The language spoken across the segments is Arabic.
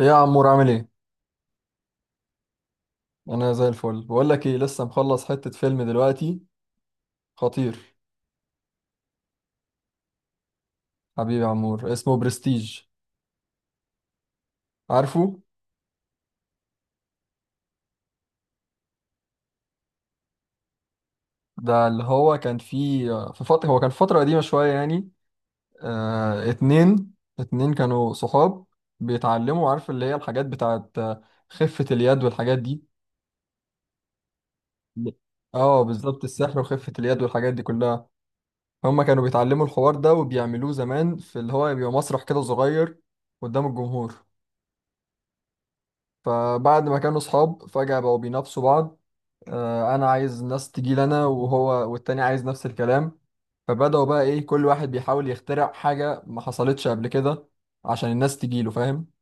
ايه يا عمور، عامل ايه؟ انا زي الفل. بقول لك ايه، لسه مخلص حتة فيلم دلوقتي، خطير. حبيبي يا عمور، اسمه برستيج، عارفه؟ ده اللي هو كان في فترة قديمة شوية يعني. آه اتنين اتنين كانوا صحاب، بيتعلموا، عارف اللي هي الحاجات بتاعت خفة اليد والحاجات دي. اه بالظبط، السحر وخفة اليد والحاجات دي كلها. هما كانوا بيتعلموا الحوار ده وبيعملوه زمان في اللي هو بيبقى مسرح كده صغير قدام الجمهور. فبعد ما كانوا صحاب، فجأة بقوا بينافسوا بعض. أنا عايز ناس تجيلي أنا، وهو والتاني عايز نفس الكلام. فبدأوا بقى إيه، كل واحد بيحاول يخترع حاجة ما حصلتش قبل كده عشان الناس تجيله، فاهم؟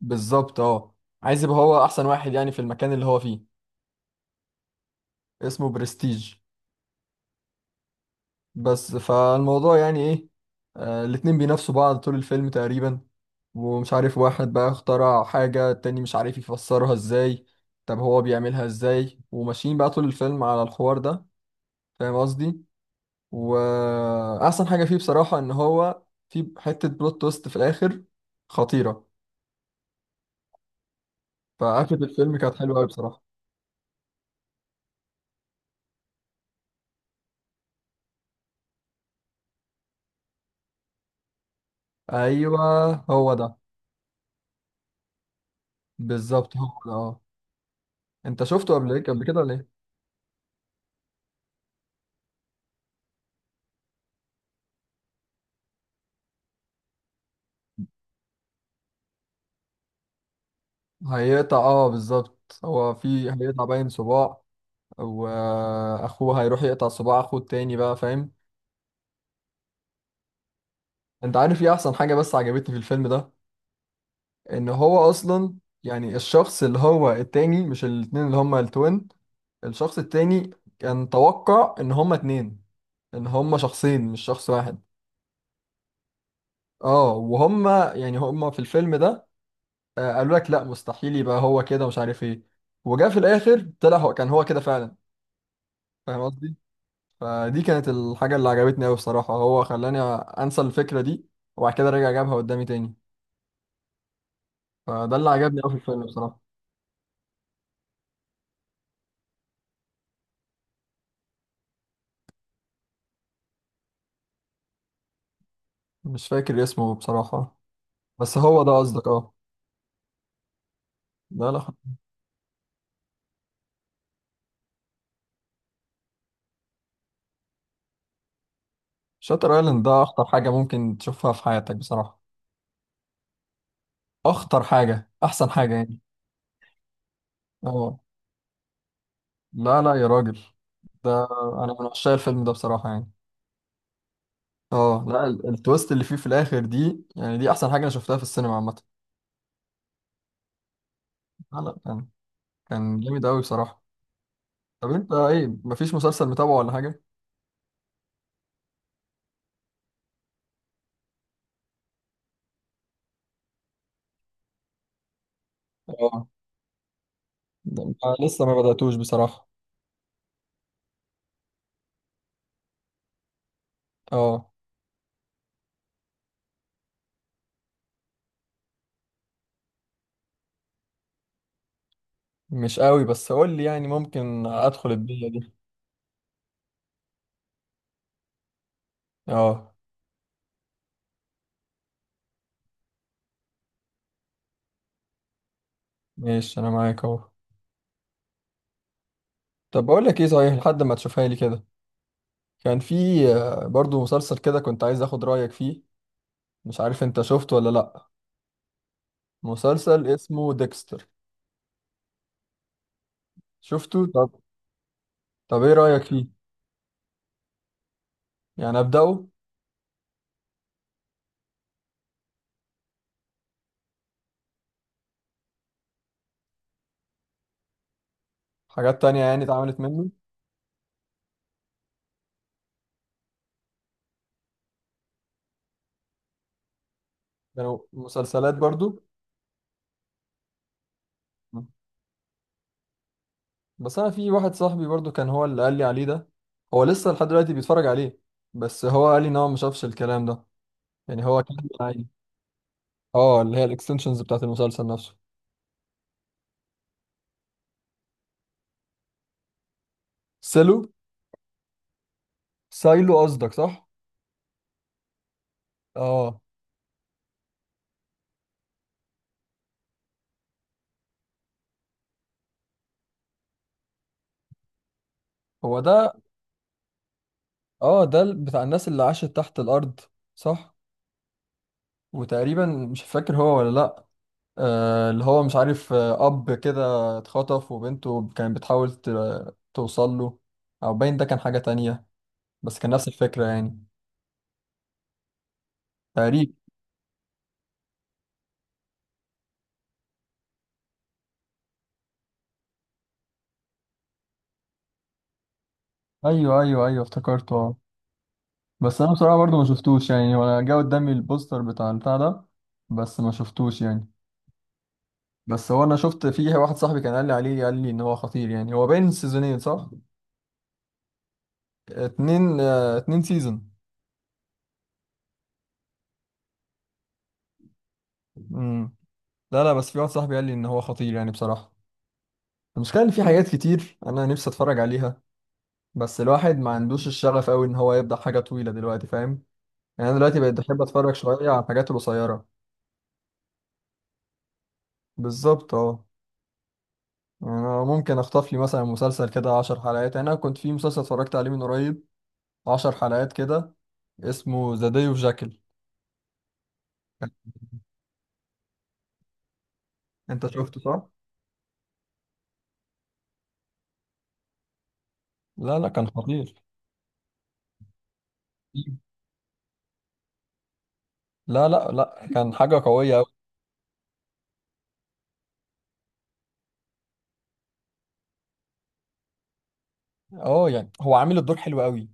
بالظبط أه. عايز يبقى هو أحسن واحد يعني في المكان اللي هو فيه. اسمه برستيج. بس فالموضوع يعني ايه، الاتنين بينافسوا بعض طول الفيلم تقريبا. ومش عارف، واحد بقى اخترع حاجة، التاني مش عارف يفسرها ازاي، طب هو بيعملها ازاي؟ وماشيين بقى طول الفيلم على الحوار ده، فاهم قصدي؟ واحسن حاجة فيه بصراحة ان هو في حتة بلوت تويست في الاخر، خطيرة. فقفلة الفيلم كانت حلوة قوي بصراحة. ايوه هو ده. بالظبط هو ده اه. انت شفته قبل، ايه؟ قبل كده ولا ايه؟ هيقطع، اه بالظبط، هو في هيقطع باين صباع، واخوه هيروح يقطع صباع اخوه التاني بقى، فاهم؟ انت عارف ايه احسن حاجة بس عجبتني في الفيلم ده؟ ان هو اصلا يعني الشخص اللي هو التاني، مش الاتنين اللي هما التوين، الشخص التاني كان توقع ان هما اتنين، ان هما شخصين مش شخص واحد. اه وهما يعني هما في الفيلم ده قالوا لك لا، مستحيل يبقى هو كده، مش عارف ايه. وجا في الاخر طلع هو كان هو كده فعلا، فاهم قصدي؟ فدي كانت الحاجة اللي عجبتني أوي بصراحة، هو خلاني أنسى الفكرة دي، وبعد كده رجع جابها قدامي تاني. فده اللي عجبني أوي في الفيلم بصراحة. مش فاكر اسمه بصراحة. بس هو ده قصدك، اه؟ ده لا. شاتر ايلاند ده أخطر حاجة ممكن تشوفها في حياتك بصراحة. أخطر حاجة، أحسن حاجة يعني. اه. لا لا يا راجل، ده أنا من عشاق الفيلم ده بصراحة يعني. اه، لا، التويست اللي فيه في الآخر دي، يعني دي أحسن حاجة أنا شفتها في السينما عامة. لا لا، كان كان جامد أوي بصراحة. طب انت ايه، مفيش مسلسل متابعه ولا حاجة؟ اه. لسه ما بدأتوش بصراحة. اه مش قوي، بس قول لي، يعني ممكن ادخل البيئة دي. اه. ماشي انا معاك اهو. طب بقول لك ايه صحيح، لحد ما تشوفها لي كده، كان في برضو مسلسل كده كنت عايز اخد رأيك فيه، مش عارف انت شفته ولا لا. مسلسل اسمه ديكستر. شفته؟ طب طب ايه رأيك فيه؟ يعني ابدأه؟ حاجات تانية يعني اتعملت منه؟ كانوا مسلسلات برضو؟ بس انا في واحد صاحبي برضو كان هو اللي قال لي عليه ده، هو لسه لحد دلوقتي بيتفرج عليه. بس هو قال لي ان هو ما شافش الكلام ده، يعني هو كان عادي. اه اللي هي الاكستنشنز بتاعت المسلسل نفسه. سيلو؟ سايلو قصدك، صح؟ اه هو ده. اه، ده بتاع الناس اللي عاشت تحت الارض، صح؟ وتقريبا مش فاكر هو ولا لا، اللي هو مش عارف، اب كده اتخطف وبنته كانت بتحاول توصل له. او باين ده كان حاجة تانية، بس كان نفس الفكرة يعني، تقريبا. ايوه ايوه ايوه، افتكرته اه. بس انا بصراحه برضو ما شفتوش يعني، وانا جه قدامي البوستر بتاع البتاع ده، بس ما شفتوش يعني. بس هو انا شفت فيه واحد صاحبي كان قال لي عليه، قال لي ان هو خطير يعني. هو باين 2 سيزون، صح؟ اتنين سيزون. امم. لا لا، بس في واحد صاحبي قال لي ان هو خطير يعني بصراحه. المشكله ان في حاجات كتير انا نفسي اتفرج عليها، بس الواحد ما عندوش الشغف قوي ان هو يبدا حاجه طويله دلوقتي، فاهم؟ يعني انا دلوقتي بقيت بحب اتفرج شويه على الحاجات القصيره. بالظبط اه. يعني أنا ممكن أخطف لي مثلا مسلسل كده 10 حلقات. يعني أنا كنت في مسلسل اتفرجت عليه من قريب، 10 حلقات كده، اسمه ذا داي اوف جاكل. أنت شفته، صح؟ لا لا كان خطير. لا لا لا، كان حاجة قوية أوي. أه، يعني هو عامل الدور حلو أوي،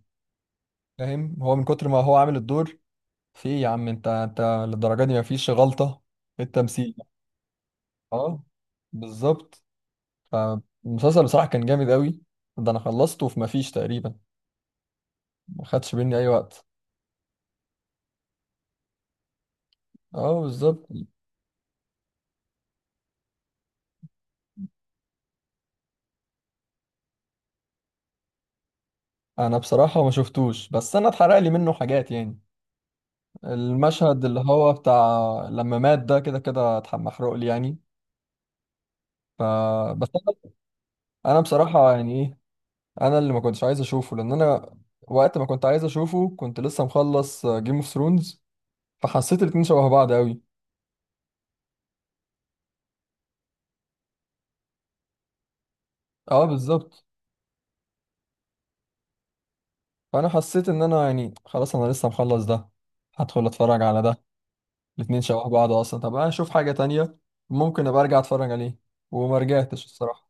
فاهم؟ هو من كتر ما هو عامل الدور، في إيه يا عم، أنت أنت للدرجة دي مفيش غلطة في التمثيل. أه بالظبط. فالمسلسل بصراحة كان جامد أوي. ده أنا خلصته في مفيش تقريبا، ما خدش مني أي وقت. أه بالظبط. انا بصراحة ما شفتوش، بس انا اتحرق لي منه حاجات يعني. المشهد اللي هو بتاع لما مات، ده كده كده محروق لي يعني. ف بس انا، أنا بصراحة يعني ايه، انا اللي ما كنتش عايز اشوفه لان انا وقت ما كنت عايز اشوفه كنت لسه مخلص جيم اوف ثرونز، فحسيت الاتنين شبه بعض قوي. اه بالظبط. فانا حسيت ان انا يعني خلاص، انا لسه مخلص ده، هدخل اتفرج على ده؟ الاتنين شبه بعض اصلا، طب انا اشوف حاجة تانية، ممكن ابقى ارجع اتفرج عليه. وما رجعتش الصراحة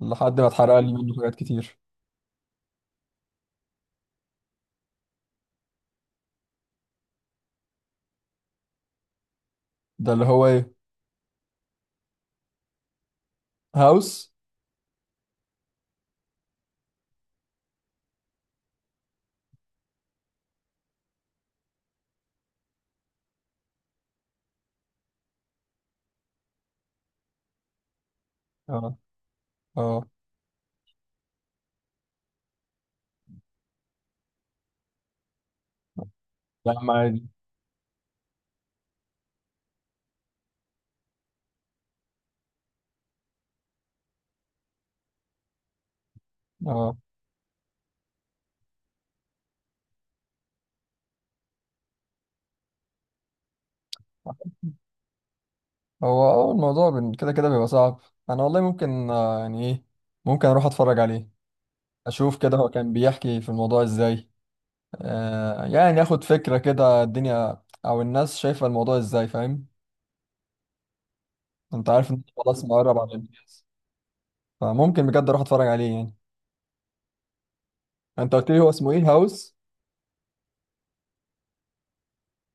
لحد ما اتحرق لي منه حاجات كتير. ده اللي هو ايه؟ هاوس؟ اه اه. يا عم عادي. اه هو اه الموضوع كده كده بيبقى صعب. انا والله ممكن يعني ايه، ممكن اروح اتفرج عليه، اشوف كده هو كان بيحكي في الموضوع ازاي. آه يعني اخد فكرة كده الدنيا او الناس شايفة الموضوع ازاي، فاهم؟ انت عارف انت خلاص مقرب على الامتياز. فممكن بجد اروح اتفرج عليه يعني. انت قلت لي هو اسمه ايه، هاوس؟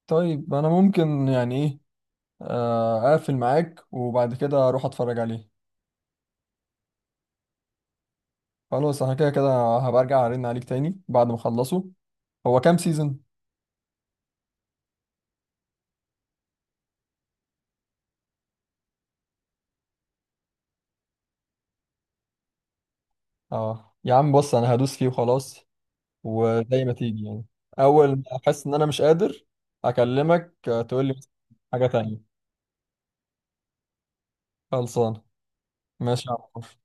طيب انا ممكن يعني ايه، اقفل معاك، وبعد كده اروح اتفرج عليه. خلاص انا كده كده هبقى ارجع ارن عليك تاني بعد ما اخلصه. هو كام سيزون؟ اه يا عم بص، انا هدوس فيه وخلاص، وزي ما تيجي يعني. اول ما احس ان انا مش قادر اكلمك، تقول لي حاجة تانية. خلصان. ماشي يا عمر.